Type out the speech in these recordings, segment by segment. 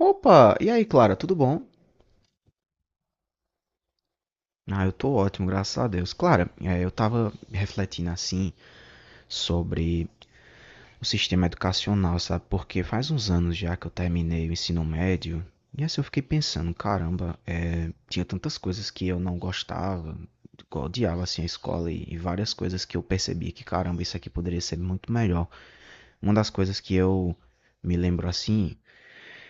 Opa! E aí, Clara, tudo bom? Ah, eu tô ótimo, graças a Deus. Clara, eu tava refletindo assim sobre o sistema educacional, sabe? Porque faz uns anos já que eu terminei o ensino médio. E assim eu fiquei pensando, caramba, tinha tantas coisas que eu não gostava, que eu odiava assim a escola e várias coisas que eu percebia que, caramba, isso aqui poderia ser muito melhor. Uma das coisas que eu me lembro assim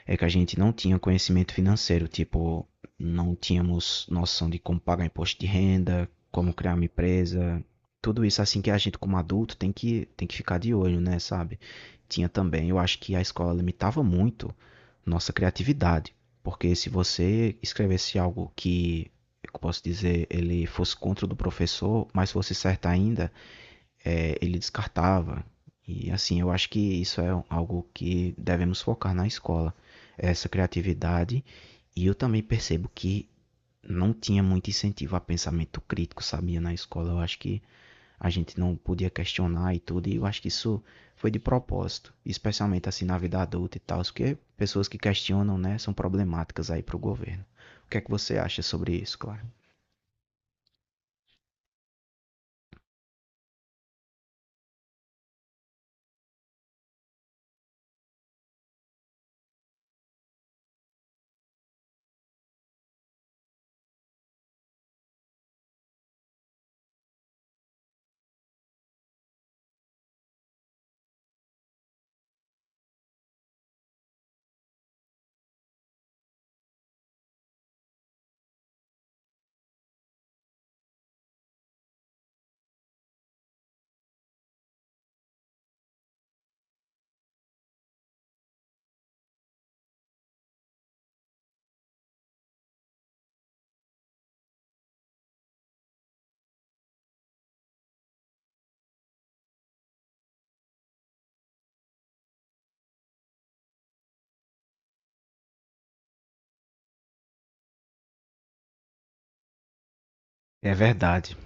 é que a gente não tinha conhecimento financeiro, tipo, não tínhamos noção de como pagar imposto de renda, como criar uma empresa, tudo isso assim que a gente como adulto tem que ficar de olho, né, sabe? Tinha também, eu acho que a escola limitava muito nossa criatividade, porque se você escrevesse algo que, eu posso dizer, ele fosse contra o do professor, mas fosse certo ainda, ele descartava. E assim, eu acho que isso é algo que devemos focar na escola, essa criatividade. E eu também percebo que não tinha muito incentivo a pensamento crítico, sabia, na escola. Eu acho que a gente não podia questionar e tudo, e eu acho que isso foi de propósito, especialmente assim na vida adulta e tal, porque pessoas que questionam, né, são problemáticas aí para o governo. O que é que você acha sobre isso, claro? É verdade.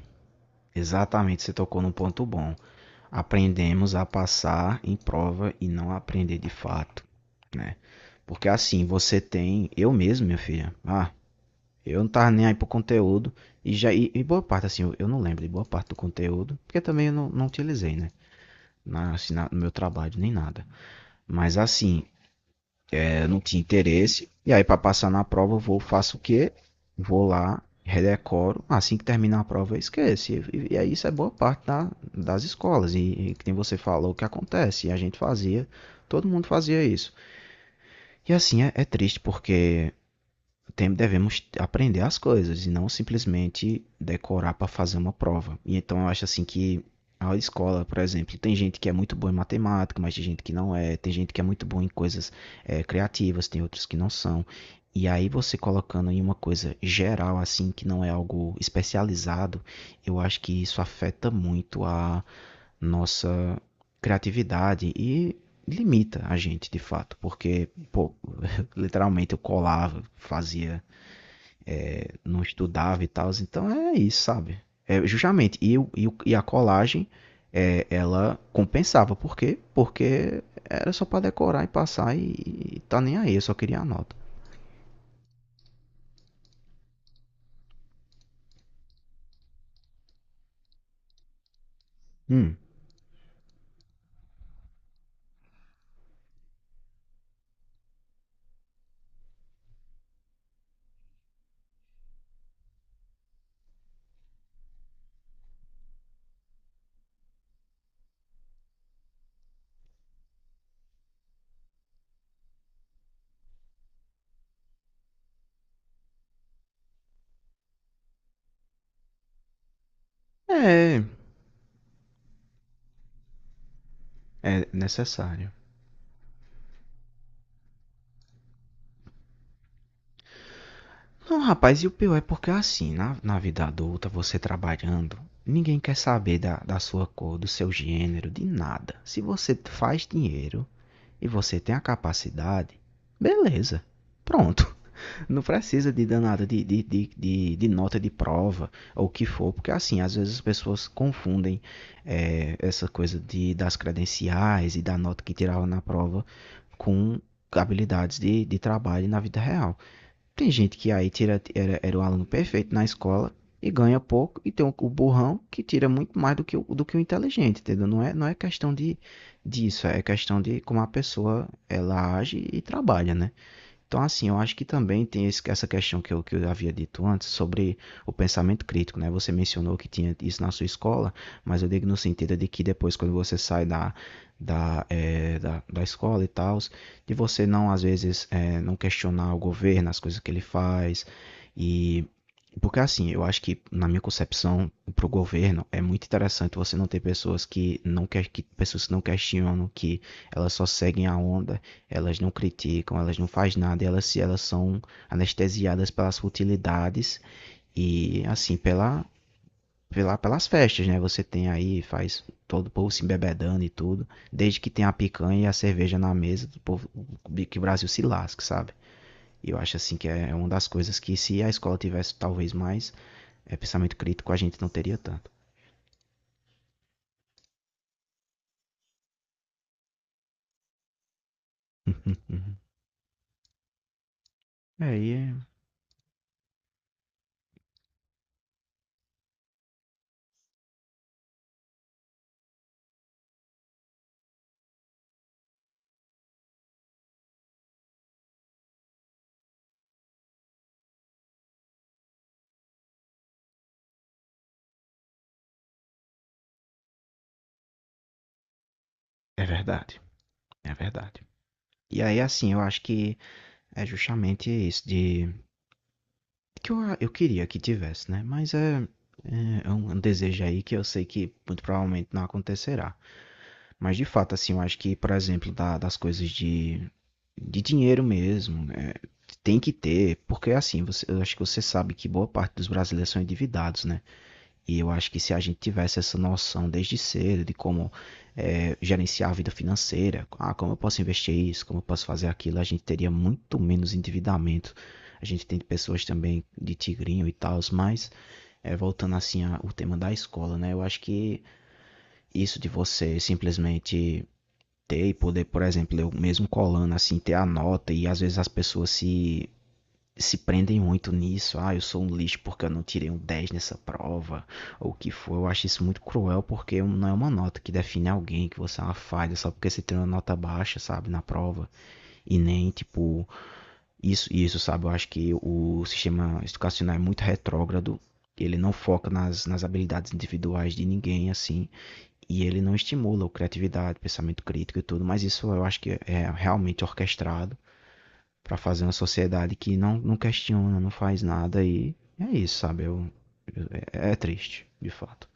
Exatamente, você tocou num ponto bom. Aprendemos a passar em prova e não a aprender de fato, né? Porque assim, você tem. Eu mesmo, minha filha. Ah, eu não tava nem aí pro conteúdo. E já. E boa parte, assim, eu não lembro de boa parte do conteúdo. Porque também eu não, não utilizei, né? Na, assim, na- no meu trabalho, nem nada. Mas assim, eu não tinha interesse. E aí, para passar na prova, eu vou, faço o quê? Vou lá, redecoro. Assim que terminar a prova, eu esqueço. E aí, isso é boa parte da, das escolas. E que nem você falou, que acontece. E a gente fazia, todo mundo fazia isso. E assim, é triste porque tem, devemos aprender as coisas e não simplesmente decorar para fazer uma prova. E então eu acho assim que a escola, por exemplo, tem gente que é muito boa em matemática, mas tem gente que não é, tem gente que é muito boa em coisas criativas, tem outros que não são. E aí você colocando em uma coisa geral, assim, que não é algo especializado, eu acho que isso afeta muito a nossa criatividade e limita a gente, de fato. Porque, pô, literalmente eu colava, fazia não estudava e tal. Então é isso, sabe? É, justamente. E a colagem, ela compensava. Por quê? Porque era só pra decorar e passar e tá nem aí. Eu só queria a nota. Hum. É, é necessário. Não, rapaz, e o pior é porque assim, na vida adulta, você trabalhando, ninguém quer saber da sua cor, do seu gênero, de nada. Se você faz dinheiro e você tem a capacidade, beleza. Pronto. Não precisa de danada de nota de prova ou o que for, porque assim, às vezes as pessoas confundem essa coisa das credenciais e da nota que tirava na prova com habilidades de trabalho na vida real. Tem gente que aí tira, era o aluno perfeito na escola e ganha pouco, e tem o burrão que tira muito mais do que do que o inteligente, entendeu? Não é, não é questão disso, é questão de como a pessoa ela age e trabalha, né? Então, assim, eu acho que também tem essa questão que eu havia dito antes sobre o pensamento crítico, né? Você mencionou que tinha isso na sua escola, mas eu digo no sentido de que depois, quando você sai da escola e tal, de você não, às vezes, não questionar o governo, as coisas que ele faz. E. Porque, assim, eu acho que, na minha concepção, para o governo, é muito interessante você não ter pessoas que não, pessoas que não questionam, que elas só seguem a onda elas não criticam, elas não fazem nada, elas são anestesiadas pelas futilidades e assim, pelas festas, né? Você tem aí, faz todo o povo se embebedando e tudo. Desde que tem a picanha e a cerveja na mesa, do povo, que o Brasil se lasque, sabe? E eu acho assim que é uma das coisas que se a escola tivesse talvez mais pensamento crítico, a gente não teria tanto. é, e é, é verdade, é verdade. E aí assim, eu acho que é justamente isso de que eu queria que tivesse, né? Mas é um desejo aí que eu sei que muito provavelmente não acontecerá. Mas de fato, assim, eu acho que, por exemplo, das coisas de dinheiro mesmo, né? Tem que ter, porque assim, você, eu acho que você sabe que boa parte dos brasileiros são endividados, né? E eu acho que se a gente tivesse essa noção desde cedo de como gerenciar a vida financeira, ah, como eu posso investir isso, como eu posso fazer aquilo, a gente teria muito menos endividamento. A gente tem pessoas também de tigrinho e tal, mas voltando assim ao tema da escola, né? Eu acho que isso de você simplesmente ter e poder, por exemplo, eu mesmo colando assim, ter a nota e às vezes as pessoas se prendem muito nisso. Ah, eu sou um lixo porque eu não tirei um 10 nessa prova, ou o que for. Eu acho isso muito cruel porque não é uma nota que define alguém, que você é uma falha só porque você tem uma nota baixa, sabe, na prova. E nem, tipo, isso, sabe? Eu acho que o sistema educacional é muito retrógrado. Ele não foca nas habilidades individuais de ninguém, assim. E ele não estimula a criatividade, pensamento crítico e tudo. Mas isso eu acho que é realmente orquestrado para fazer uma sociedade que não, não questiona, não faz nada e é isso, sabe? É triste, de fato.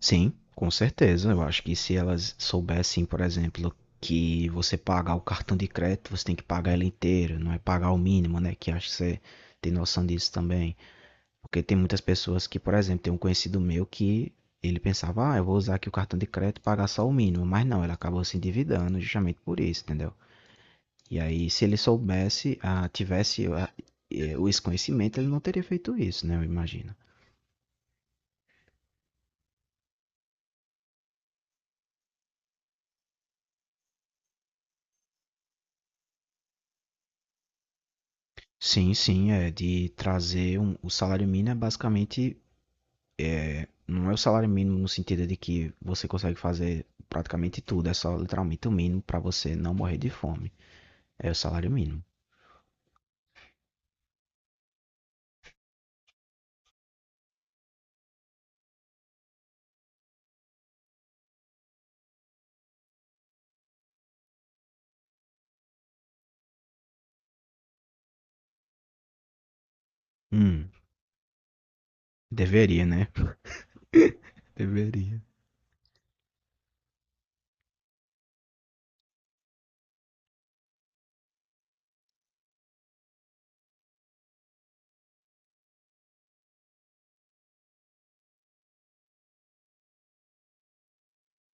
Sim, com certeza. Eu acho que se elas soubessem, por exemplo, que você pagar o cartão de crédito, você tem que pagar ele inteiro, não é pagar o mínimo, né? Que acho que você tem noção disso também. Porque tem muitas pessoas que, por exemplo, tem um conhecido meu que ele pensava, ah, eu vou usar aqui o cartão de crédito e pagar só o mínimo. Mas não, ele acabou se endividando justamente por isso, entendeu? E aí, se ele soubesse, tivesse o desconhecimento, ele não teria feito isso, né? Eu imagino. Sim, sim, é de trazer um, o salário mínimo é basicamente não é o salário mínimo no sentido de que você consegue fazer praticamente tudo, é só literalmente o mínimo para você não morrer de fome. É o salário mínimo. Hum, deveria, né? Deveria.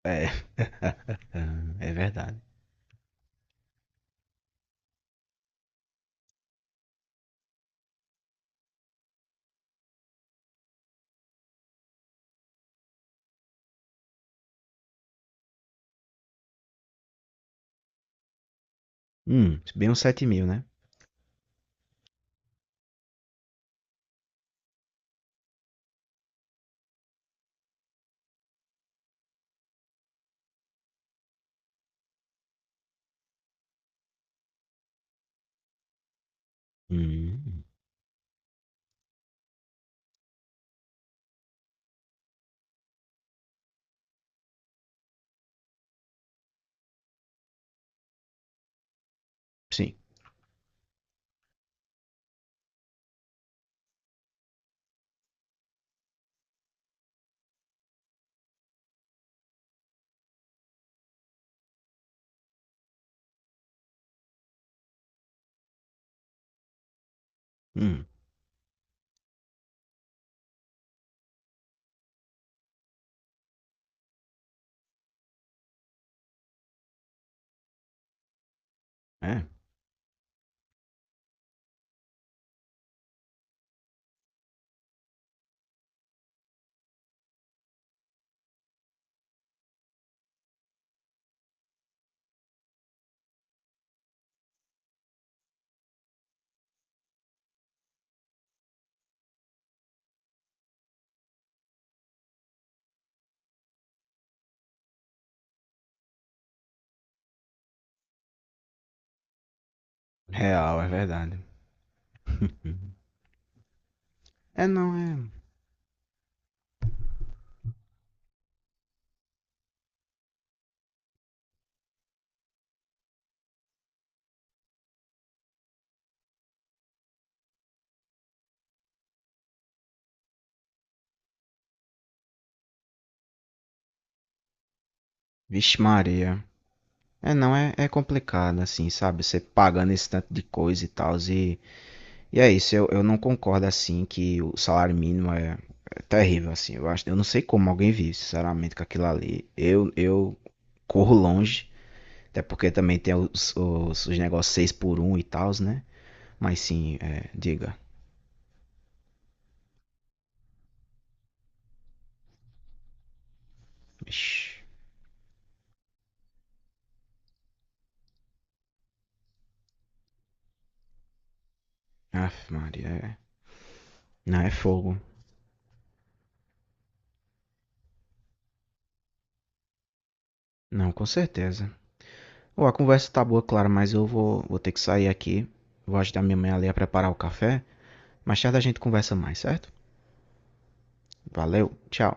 É. É verdade. Bem uns 7.000, né? Hum, sim. Hum, é. Real, é verdade. É não, é. Vixe Maria. É não, é complicado, assim, sabe? Você pagando esse tanto de coisa e tal. E é isso, eu não concordo assim que o salário mínimo é terrível, assim. Eu acho, eu não sei como alguém vive, sinceramente, com aquilo ali. Eu corro longe, até porque também tem os negócios 6 por um e tal, né? Mas sim, diga. Ixi, Aff, Maria, é. Não, é fogo. Não, com certeza. Ô, a conversa tá boa, claro, mas eu vou ter que sair aqui. Vou ajudar minha mãe ali a preparar o café. Mais tarde a gente conversa mais, certo? Valeu, tchau.